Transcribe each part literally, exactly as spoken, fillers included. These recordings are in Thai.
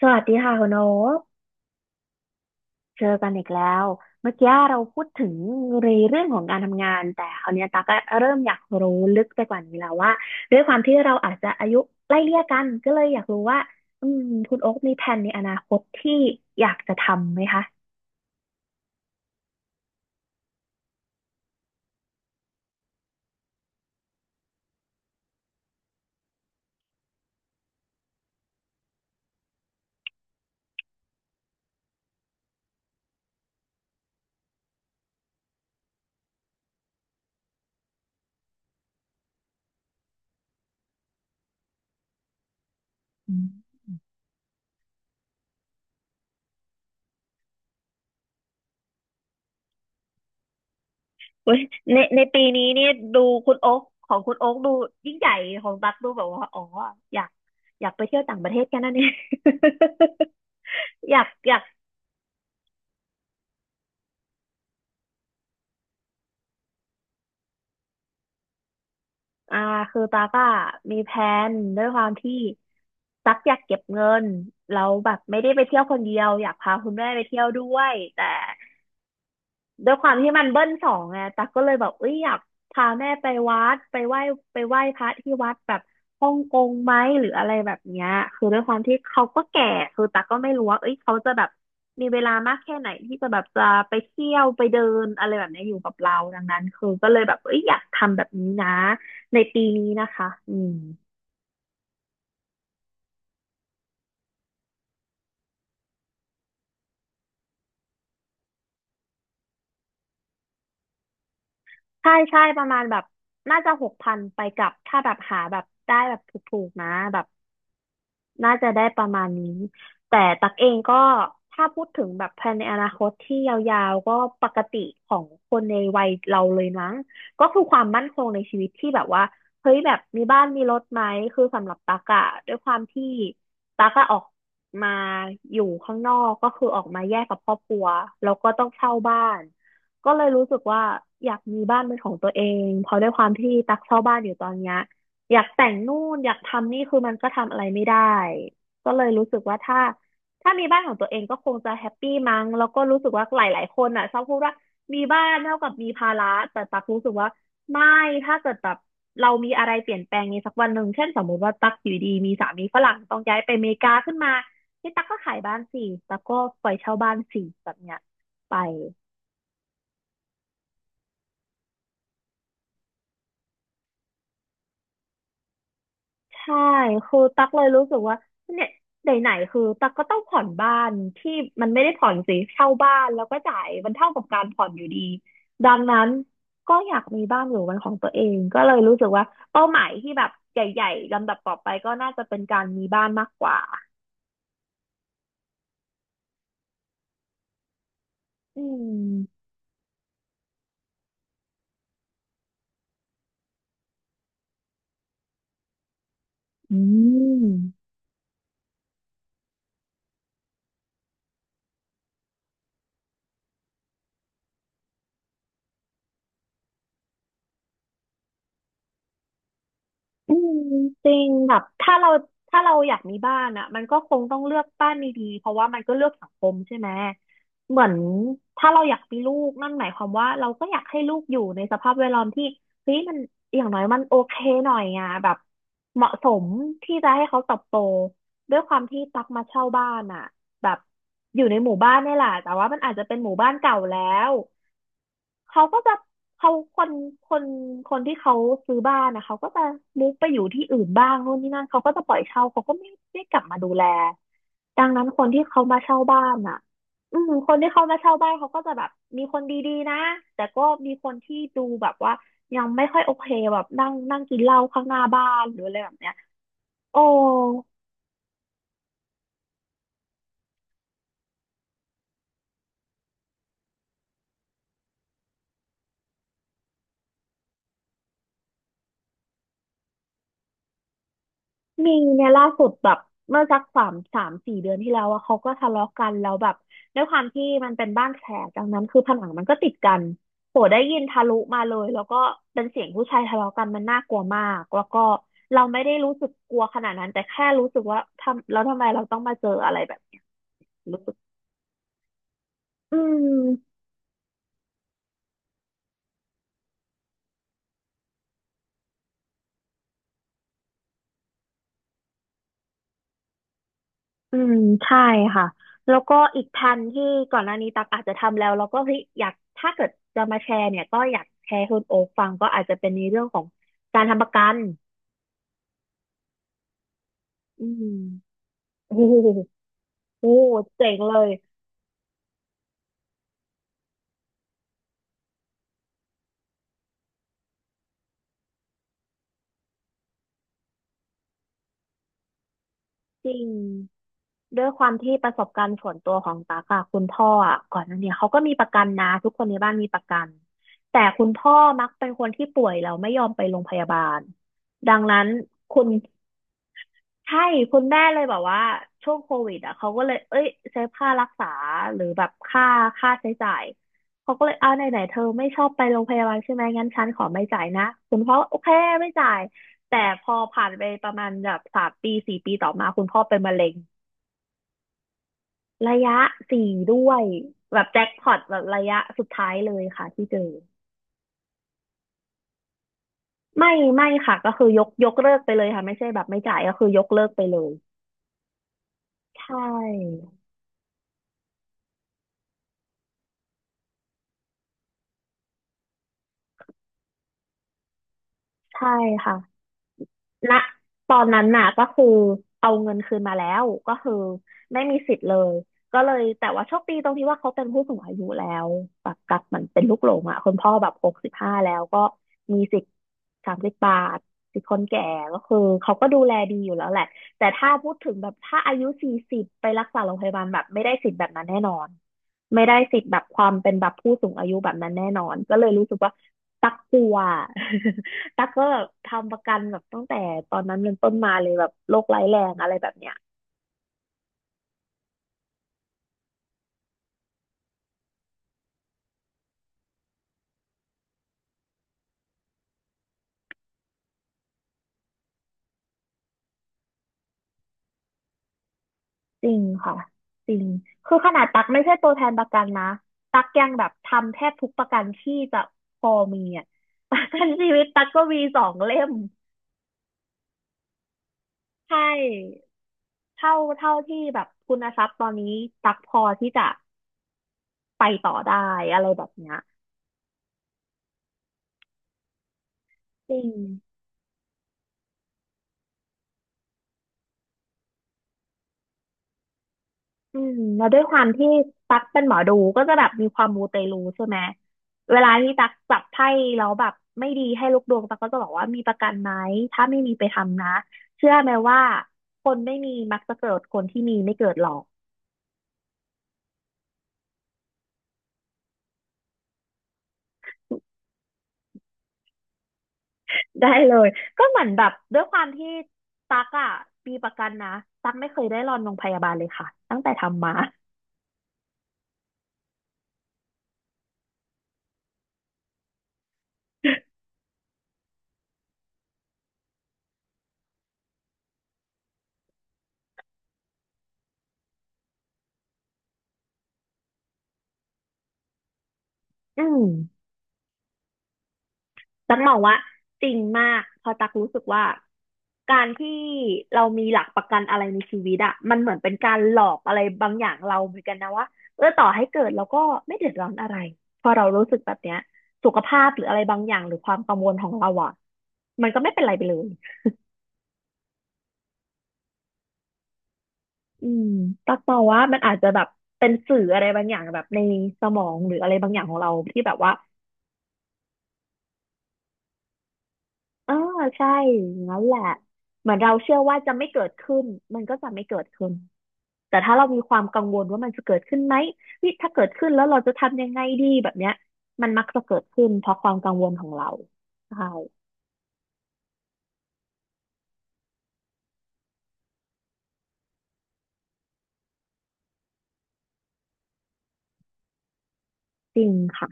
สวัสดีค่ะคุณโอ๊คเจอกันอีกแล้ว เมื่อกี้เราพูดถึงในเรื่องของการทำงานแต่คราวเนี้ยตาก็เริ่มอยากรู้ลึกไปกว่านี้แล้วว่าด้วยความที่เราอาจจะอายุไล่เลี่ยกันก็เลยอยากรู้ว่าอืมคุณโอ๊คมีแผนในอนาคตที่อยากจะทำไหมคะอืมอุ๊ยในในปีนี้นี่ดูคุณโอ๊คของคุณโอ๊คดูยิ่งใหญ่ของตักดูแบบว่าอ๋ออยากอยากไปเที่ยวต่างประเทศแค่นั้นเอง อยากอยาก อ่าคือตาก็มีแผนด้วยความที่ตักอยากเก็บเงินแล้วแบบไม่ได้ไปเที่ยวคนเดียวอยากพาคุณแม่ไปเที่ยวด้วยแต่ ด้วยความที่มันเบิ้ลสองไงตักก็เลยแบบเอ้ยอยากพาแม่ไปวัดไปไหว้ไปไหว้พระที่วัดแบบฮ่องกงไหมหรืออะไรแบบเนี้ยคือด้วยความที่เขาก็แก่คือตักก็ไม่รู้ว่าเอ้ยเขาจะแบบมีเวลามากแค่ไหนที่จะแบบจะไปเที่ยวไปเดินอะไรแบบเนี้ยอยู่กับเราดังนั้นคือก็เลยแบบเอ้ยอยากทำแบบนี้นะในปีนี้นะคะอืมใช่ใช่ประมาณแบบน่าจะหกพันไปกลับถ้าแบบหาแบบได้แบบถูกๆนะแบบ น่าจะได้ประมาณนี้ แต่ตักเองก็ถ้าพูดถึงแบบแพนในอนาคตที่ยาวๆก็ปกติของคนในวัยเราเลยนะ ก็คือความมั่นคงในชีวิตที่แบบว่าเฮ้ยแบบมีบ้านมีรถไหมคือสำหรับตักอะด้วยความที่ตักอะออกมาอยู่ข้างนอกก็คือออกมาแยกกับครอบครัวแล้วก็ต้องเช่าบ้าน ก็เลยรู้สึกว่าอยากมีบ้านเป็นของตัวเอง เพราะด้วยความที่ตักเช่าบ้านอยู่ตอนเนี้ย อยากแต่งนู่นอยากทำนี่คือมันก็ทำอะไรไม่ได้ก็เลยรู้สึกว่าถ้าถ้ามีบ้านของตัวเองก็คงจะแฮปปี้มั้งแล้วก็รู้สึกว่าหลาย ๆ คนอ่ะชอบพูดว่ามีบ้านเท่ากับมีภาระแต่ตักรู้สึกว่าไม่ถ้าเกิดแบบเรามีอะไรเปลี่ยนแปลงในสักวันหนึ่งเช่นสมมติว่าตักอยู่ดีมีสามีฝรั่งต้องย้ายไปอเมริกาขึ้นมานี่ตักก็ขายบ้านสิตักก็ปล่อยเช่าบ้านสิแบบเนี้ยไป ใช่คือตักเลยรู้สึกว่าเนี่ยไหนๆคือตักก็ต้องผ่อนบ้านที่มันไม่ได้ผ่อนสิเช่าบ้านแล้วก็จ่ายมันเท่ากับการผ่อนอยู่ดีดังนั้นก็อยากมีบ้านอยู่เป็นของตัวเองก็เลยรู้สึกว่าเป้าหมายที่แบบใหญ่ๆลำดับต่อไปก็น่าจะเป็นการมีบ้านมากกว่าอืมอืม อืมจริงแบบถ้าเราถ้าเราอยากมีบ้านอ่ะมันก็คงต้องเลือกบ้านดีๆเพราะว่ามันก็เลือกสังคมใช่ไหมเหมือนถ้าเราอยากมีลูกนั่นหมายความว่าเราก็อยากให้ลูกอยู่ในสภาพแวดล้อมที่เฮ้ยมันอย่างน้อยมันโอเคหน่อยอ่ะแบบเหมาะสมที่จะให้เขาเติบโตด้วยความที่ตักมาเช่าบ้านอ่ะแบบอยู่ในหมู่บ้านนี่แหละแต่ว่ามันอาจจะเป็นหมู่บ้านเก่าแล้ว เขาก็จะเขาคนคนคนที่เขาซื้อบ้านนะเขาก็จะมุกไปอยู่ที่อื่นบ้างโน่นนี่นั่นเขาก็จะปล่อยเช่าเขาก็ไม่ได้กลับมาดูแลดังนั้นคนที่เขามาเช่าบ้านอ่ะอืมคนที่เขามาเช่าบ้านเขาก็จะแบบมีคนดีๆนะแต่ก็มีคนที่ดูแบบว่ายังไม่ค่อยโอเคแบบนั่งนั่งกินเหล้าข้างหน้าบ้านหรืออะไรแบบเนี้ยโอ้ มีเนี่ยล่าสุดแบบเมื่อสักสามสามสี่เดือนที่แล้วอะเขาก็ทะเลาะกันแล้วแบบด้วยความที่มันเป็นบ้านแฝดดังนั้นคือผนังมันก็ติดกันโหได้ยินทะลุมาเลยแล้วก็เป็นเสียงผู้ชายทะเลาะกันมันน่ากลัวมากแล้วก็เราไม่ได้รู้สึกกลัวขนาดนั้นแต่แค่รู้สึกว่าทำแล้วทำไมเราต้องมาเจออะไรแบบเนี้ยรู้สึกอืม อืมใช่ค่ะแล้วก็อีกแผนที่ก่อนหน้านี้ตักอาจจะทำแล้วแล้วก็เฮ้ยอยากถ้าเกิดจะมาแชร์เนี่ยก็อยากแชร์ให้คุณโอ๊คฟังก็อาจจะเป็นในเรื่องของการทำประกันอืมโอ้โหโอ้โหเจ๋งเลยจริงด้วยความที่ประสบการณ์ส่วนตัวของตากอะคุณพ่ออะก่อนหน้าเนี้เขาก็มีประกันนะทุกคนในบ้านมีประกันแต่คุณพ่อมักเป็นคนที่ป่วยแล้วไม่ยอมไปโรงพยาบาลดังนั้นคุณ ใช่คุณแม่เลยแบบว่าช่วงโควิดอ่ะเขาก็เลยเอ้ยเซฟค่ารักษาหรือแบบค่าค่าใช้จ่ายเขาก็เลยเอาไหนไหนเธอไม่ชอบไปโรงพยาบาลใช่ไหมงั้นฉันขอไม่จ่ายนะคุณพ่อโอเคไม่จ่ายแต่พอผ่านไปประมาณแบบสามปีสี่ปีต่อมาคุณพ่อเป็นมะเร็งระยะสี่ด้วยแบบแจ็คพอตแบบระยะสุดท้ายเลยค่ะที่เจอไม่ไม่ค่ะก็คือยกยกเลิกไปเลยค่ะไม่ใช่แบบไม่จ่ายก็คือยกเลิกไปเลยใช่ใช่ค่ะ ณตอนนั้นน่ะก็คือเอาเงินคืนมาแล้วก็คือไม่มีสิทธิ์เลยก็เลยแต่ว่าโชคดีตรงที่ว่าเขาเป็นผู้สูงอายุแล้วแบบกับเหมือนเป็นลูกหลงอ่ะคุณพ่อแบบหกสิบห้าแล้วก็มีสิทธิ์สามสิบบาทสิทธิ์คนแก่ก็คือเขาก็ดูแลดีอยู่แล้วแหละแต่ถ้าพูดถึงแบบถ้าอายุสี่สิบไปรักษาโรงพยาบาลแบบไม่ได้สิทธิ์แบบนั้นแน่นอน ไม่ได้สิทธิ์แบบความเป็นแบบผู้สูงอายุแบบนั้นแน่นอนก็เลยรู้สึกว่าตักกลัว ตักก็แบบทำประกันแบบตั้งแต่ตอนนั้นเป็นต้นมาเลยแบบโรคร้ายแรงอะไรแบบเนี้ยจริงค่ะจริงคือขนาดตักไม่ใช่ตัวแทนประกันนะตักยังแบบทำแทบทุกประกันที่จะพอมีอ่ะ ประกันชีวิตตักก็มีสองเล่มใช่เท่าเท่าที่แบบคุณทรัพย์ตอนนี้ตักพอที่จะไปต่อได้อะไรแบบเนี้ยจริง อืมแล้วด้วยความที่ตักเป็นหมอดูก็จะแบบมีความมูเตลูใช่ไหมเวลาที่ตักจับไพ่แล้วแบบไม่ดีให้ลูกดวงตักก็จะบอกว่ามีประกันไหมถ้าไม่มีไปทำนะเชื่อไหมว่าคนไม่มีมักจะเกิดคนที่มีไม่เกิดหรอก ได้เลยก็เหมือนแบบด้วยความที่ตักอ่ะมีประกันนะตักไม่เคยได้รอนโรงพยาบาลเลยค่ะตั้งแต่ทำมา อืม ตักมองว่าจริงมากเพอตักรู้สึกว่าการที่เรามีหลักประกันอะไรในชีวิตอะมันเหมือนเป็นการหลอกอะไรบางอย่างเราเหมือนกันนะว่าเออต่อให้เกิดเราก็ไม่เดือดร้อนอะไรพอเรารู้สึกแบบเนี้ยสุขภาพหรืออะไรบางอย่างหรือความกังวลของเราอะมันก็ไม่เป็นไรไปเลยอืมตักมองว่ามันอาจจะแบบเป็นสื่ออะไรบางอย่างแบบในสมองหรืออะไรบางอย่างของเราที่แบบว่าเออใช่อย่างนั้นแหละเหมือนเราเชื่อว่าจะไม่เกิดขึ้นมันก็จะไม่เกิดขึ้น แต่ถ้าเรามีความกังวลว่ามันจะเกิดขึ้นไหมวิถ้าเกิดขึ้นแล้วเราจะทำยังไงดีแบบเนี้ยมันมักจะเกิดขึ้นเพราะความกังวลของเราใช่จริงค่ะ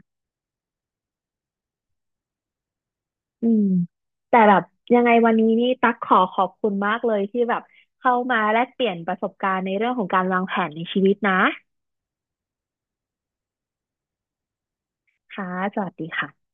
อืมแต่แบบยังไงวันนี้นี่ตั๊กขอขอบคุณมากเลยที่แบบเข้ามาแลกเปลี่ยนประสบการณ์ในเรื่องของการวางแผนในชีวิตนะค่ะสวัสดีค่ะ